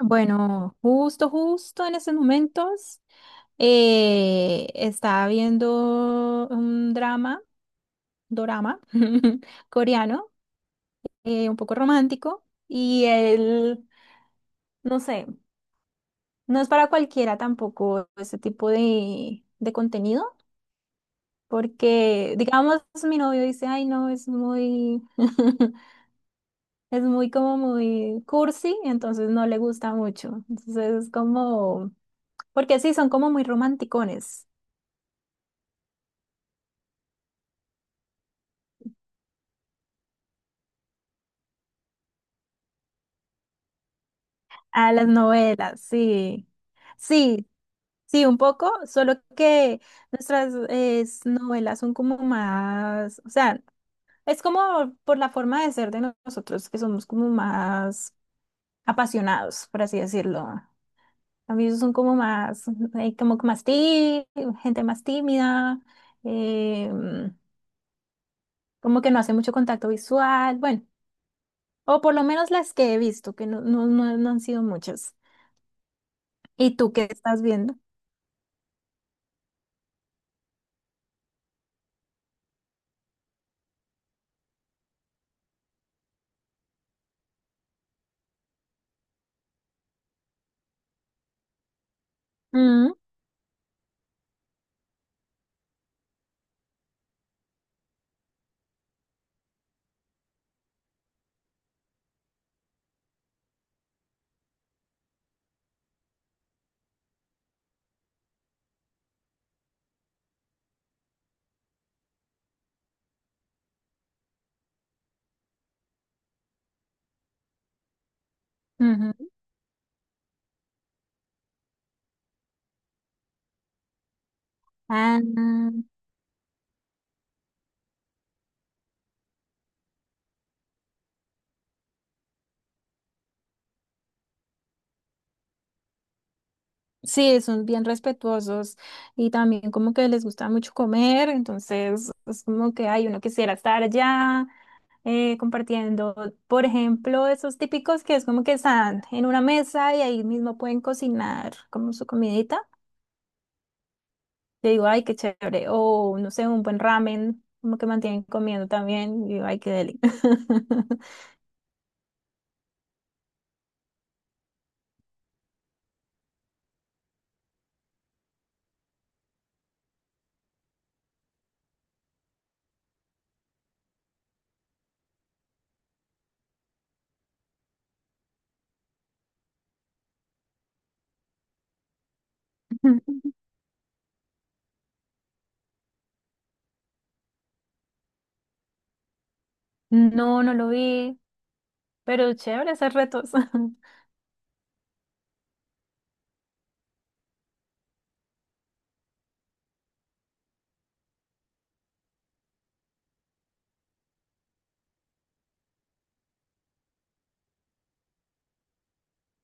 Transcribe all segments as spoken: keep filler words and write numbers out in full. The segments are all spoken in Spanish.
Bueno, justo, justo en estos momentos eh, estaba viendo un drama, dorama coreano, eh, un poco romántico y él, no sé, no es para cualquiera tampoco ese tipo de, de contenido, porque digamos mi novio dice, ay no, es muy, es muy como muy cursi, entonces no le gusta mucho, entonces es como, porque sí, son como muy romanticones. A las novelas, sí. Sí, sí, un poco, solo que nuestras eh, novelas son como más, o sea, es como por la forma de ser de no- nosotros, que somos como más apasionados, por así decirlo. A mí son como más, eh, como que más tí, gente más tímida, eh, como que no hace mucho contacto visual, bueno, o por lo menos las que he visto, que no, no, no, no han sido muchas. ¿Y tú qué estás viendo? Mm, ujú. Ah, sí, son bien respetuosos y también como que les gusta mucho comer, entonces es como que hay uno quisiera estar allá eh, compartiendo, por ejemplo, esos típicos que es como que están en una mesa y ahí mismo pueden cocinar como su comidita. Yo digo, ay, qué chévere, o no sé, un buen ramen, como que mantienen comiendo también, y digo, ay, qué deli. No, no lo vi, pero chévere esos retos.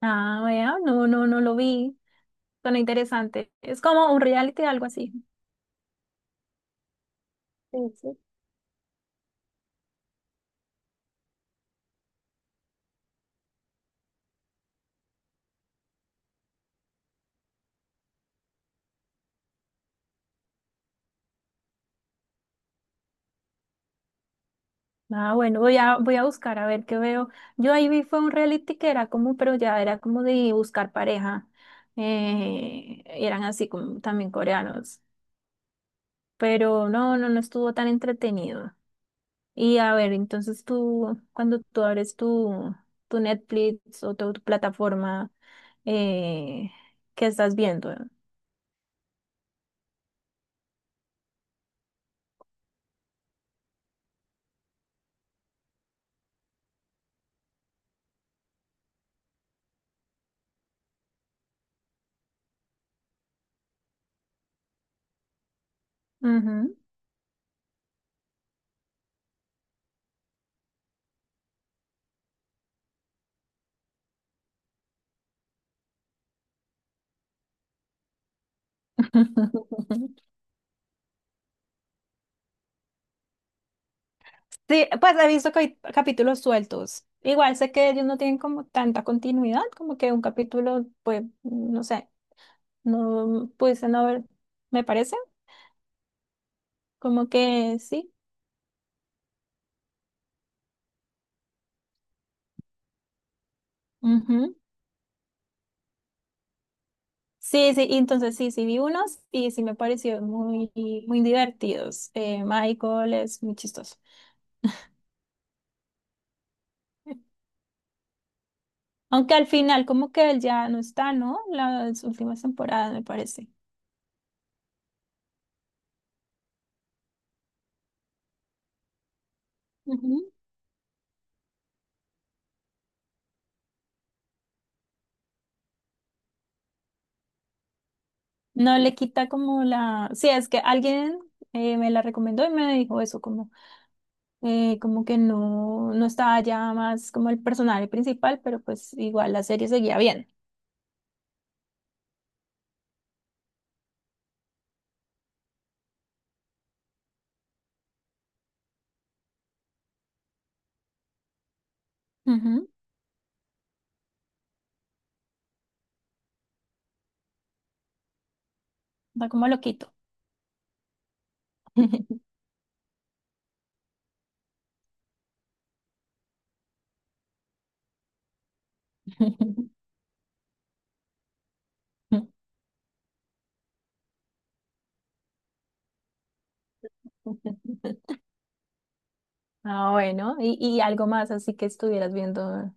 Ah, vea, no, no, no lo vi. Suena interesante. Es como un reality, algo así. Sí, sí. Ah, bueno, voy a, voy a buscar a ver qué veo. Yo ahí vi fue un reality que era como, pero ya era como de buscar pareja. Eh, eran así como también coreanos. Pero no, no, no estuvo tan entretenido. Y a ver, entonces tú, cuando tú abres tu, tu Netflix o tu, tu plataforma, eh, ¿qué estás viendo? Ujú. Sí, pues he visto que hay capítulos sueltos. Igual sé que ellos no tienen como tanta continuidad, como que un capítulo, pues, no sé, no pudiese no haber, me parece, como que sí. Ujú. Sí, sí, y entonces sí, sí vi unos y sí me pareció muy, muy divertidos. Eh, Michael es muy chistoso. Aunque al final como que él ya no está, ¿no? Las últimas temporadas, me parece. Ujú. No le quita como la... Sí, es que alguien eh, me la recomendó y me dijo eso, como. Eh, como que no, no estaba ya más como el personaje principal, pero pues igual la serie seguía bien. Ujú, va como loquito. Ah, bueno, y, y algo más así que estuvieras viendo.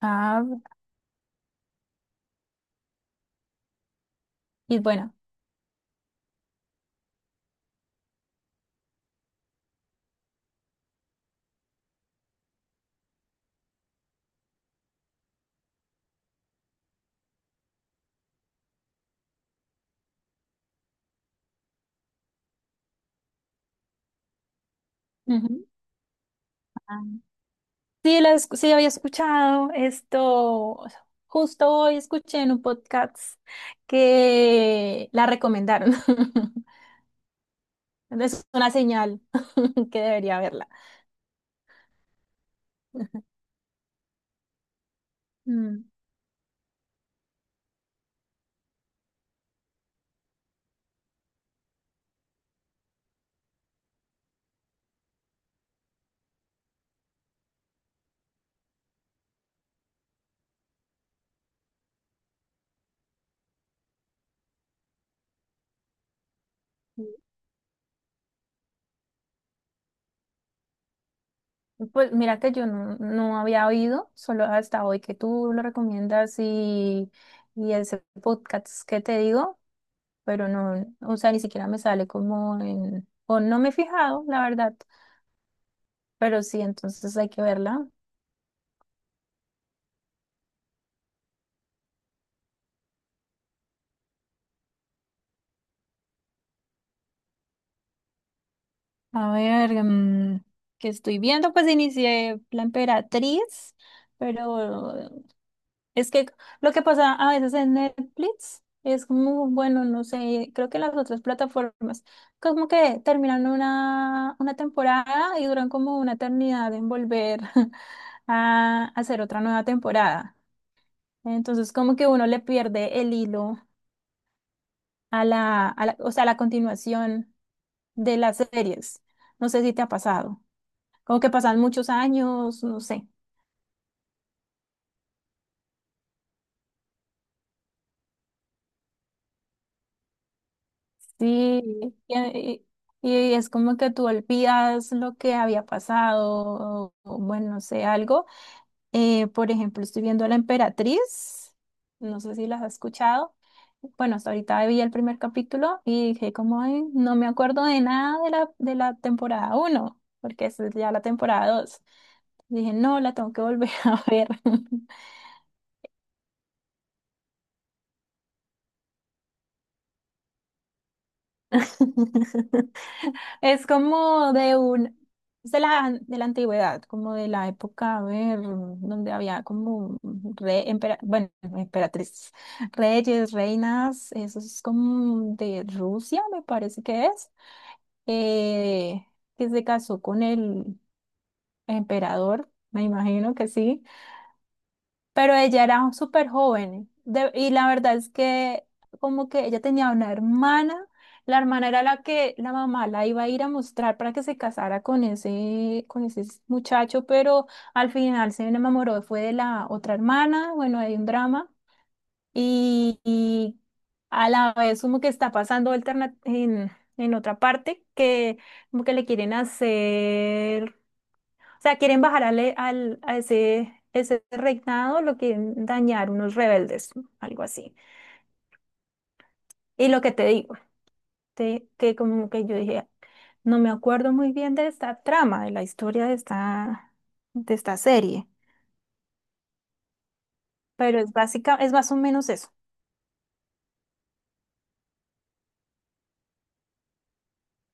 Ah, y bueno. Ujú. Ah. Sí, la, escu- sí, había escuchado esto. Justo hoy escuché en un podcast que la recomendaron. Es una señal que debería verla. Mm. Pues mira que yo no, no había oído, solo hasta hoy que tú lo recomiendas y, y ese podcast que te digo, pero no, o sea, ni siquiera me sale como en, o no me he fijado, la verdad, pero sí, entonces hay que verla. A ver, mm, que estoy viendo, pues inicié La Emperatriz, pero es que lo que pasa a veces en Netflix es como, bueno, no sé, creo que las otras plataformas, como que terminan una, una temporada y duran como una eternidad en volver a hacer otra nueva temporada. Entonces, como que uno le pierde el hilo a la, a la- o sea, a la continuación de las series. No sé si te ha pasado. Como que pasan muchos años, no sé. Sí, y, y- es como que tú olvidas lo que había pasado, o, o bueno, no sé, algo. Eh, por ejemplo, estoy viendo La Emperatriz, no sé si las has escuchado. Bueno, hasta ahorita vi el primer capítulo y dije como, "Ay, no me acuerdo de nada de la, de la temporada uno porque esa es ya la temporada dos. Dije, no, la tengo que volver a ver". Es como de un, es de la, de la antigüedad, como de la época, a ver, donde había como re, empera- bueno, emperatrices, reyes, reinas, eso es como de Rusia, me parece que es, eh, que se casó con el emperador, me imagino que sí, pero ella era súper joven de- y la verdad es que como que ella tenía una hermana, la hermana era la que la mamá la iba a ir a mostrar para que se casara con ese, con ese muchacho, pero al final se enamoró, fue de la otra hermana, bueno, hay un drama y, y a la vez como que está pasando alterna- en, en otra parte que como que le quieren hacer, o sea, quieren bajar al, al- a ese, ese reinado, lo quieren dañar unos rebeldes, algo así. Y lo que te digo, te- que como que yo dije, no me acuerdo muy bien de esta trama, de la historia de esta, de esta serie, pero es básica, es más o menos eso.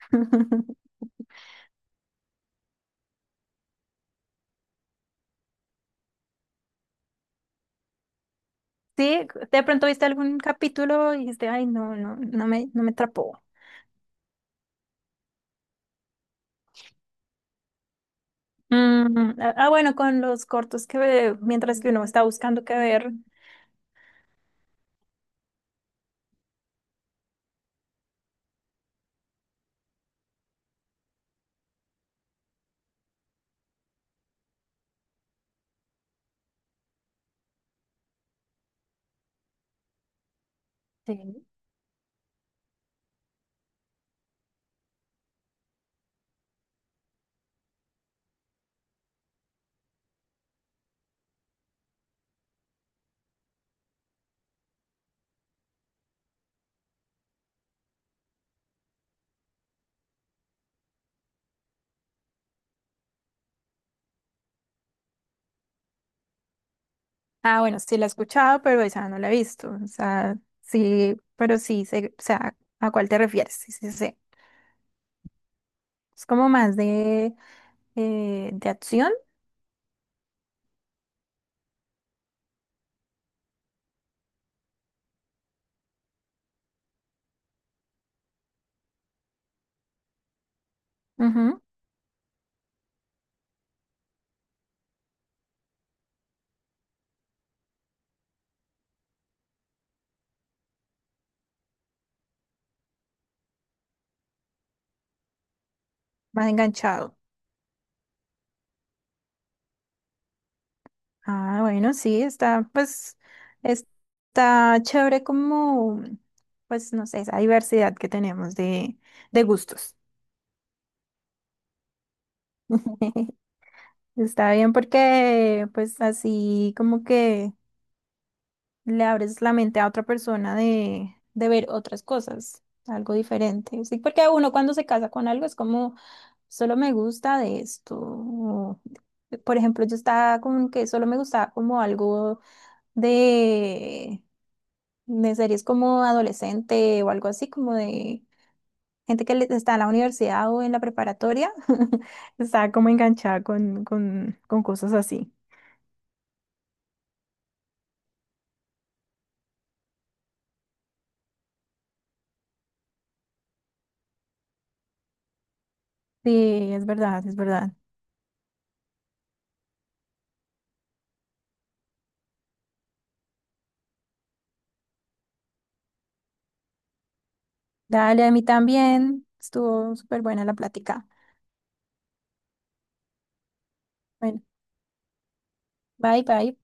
Sí, de pronto viste algún capítulo y dijiste, ay, no, no, no me, no me atrapó. Mm, ah, ah, bueno, con los cortos que ve- mientras que uno está buscando qué ver, sí. Ah, bueno, sí la he escuchado, pero esa no la he visto. O sea, sí, pero sí, sé- o sea, ¿a cuál te refieres? Sí, sí, sí. Es como más de, eh, de acción, ujú, más enganchado. Ah, bueno, sí, está, pues, está chévere como, pues, no sé, esa diversidad que tenemos de, de gustos. Está bien porque, pues, así como que... le abres la mente a otra persona de, de ver otras cosas, algo diferente. Sí, porque uno cuando se casa con algo es como, solo me gusta de esto. O, por ejemplo, yo estaba con que solo me gustaba como algo de, de series como adolescente o algo así, como de gente que le- está en la universidad o en la preparatoria, estaba como enganchada con, con, con cosas así. Sí, es verdad, es verdad. Dale, a mí también. Estuvo súper buena la plática. Bueno, bye, bye.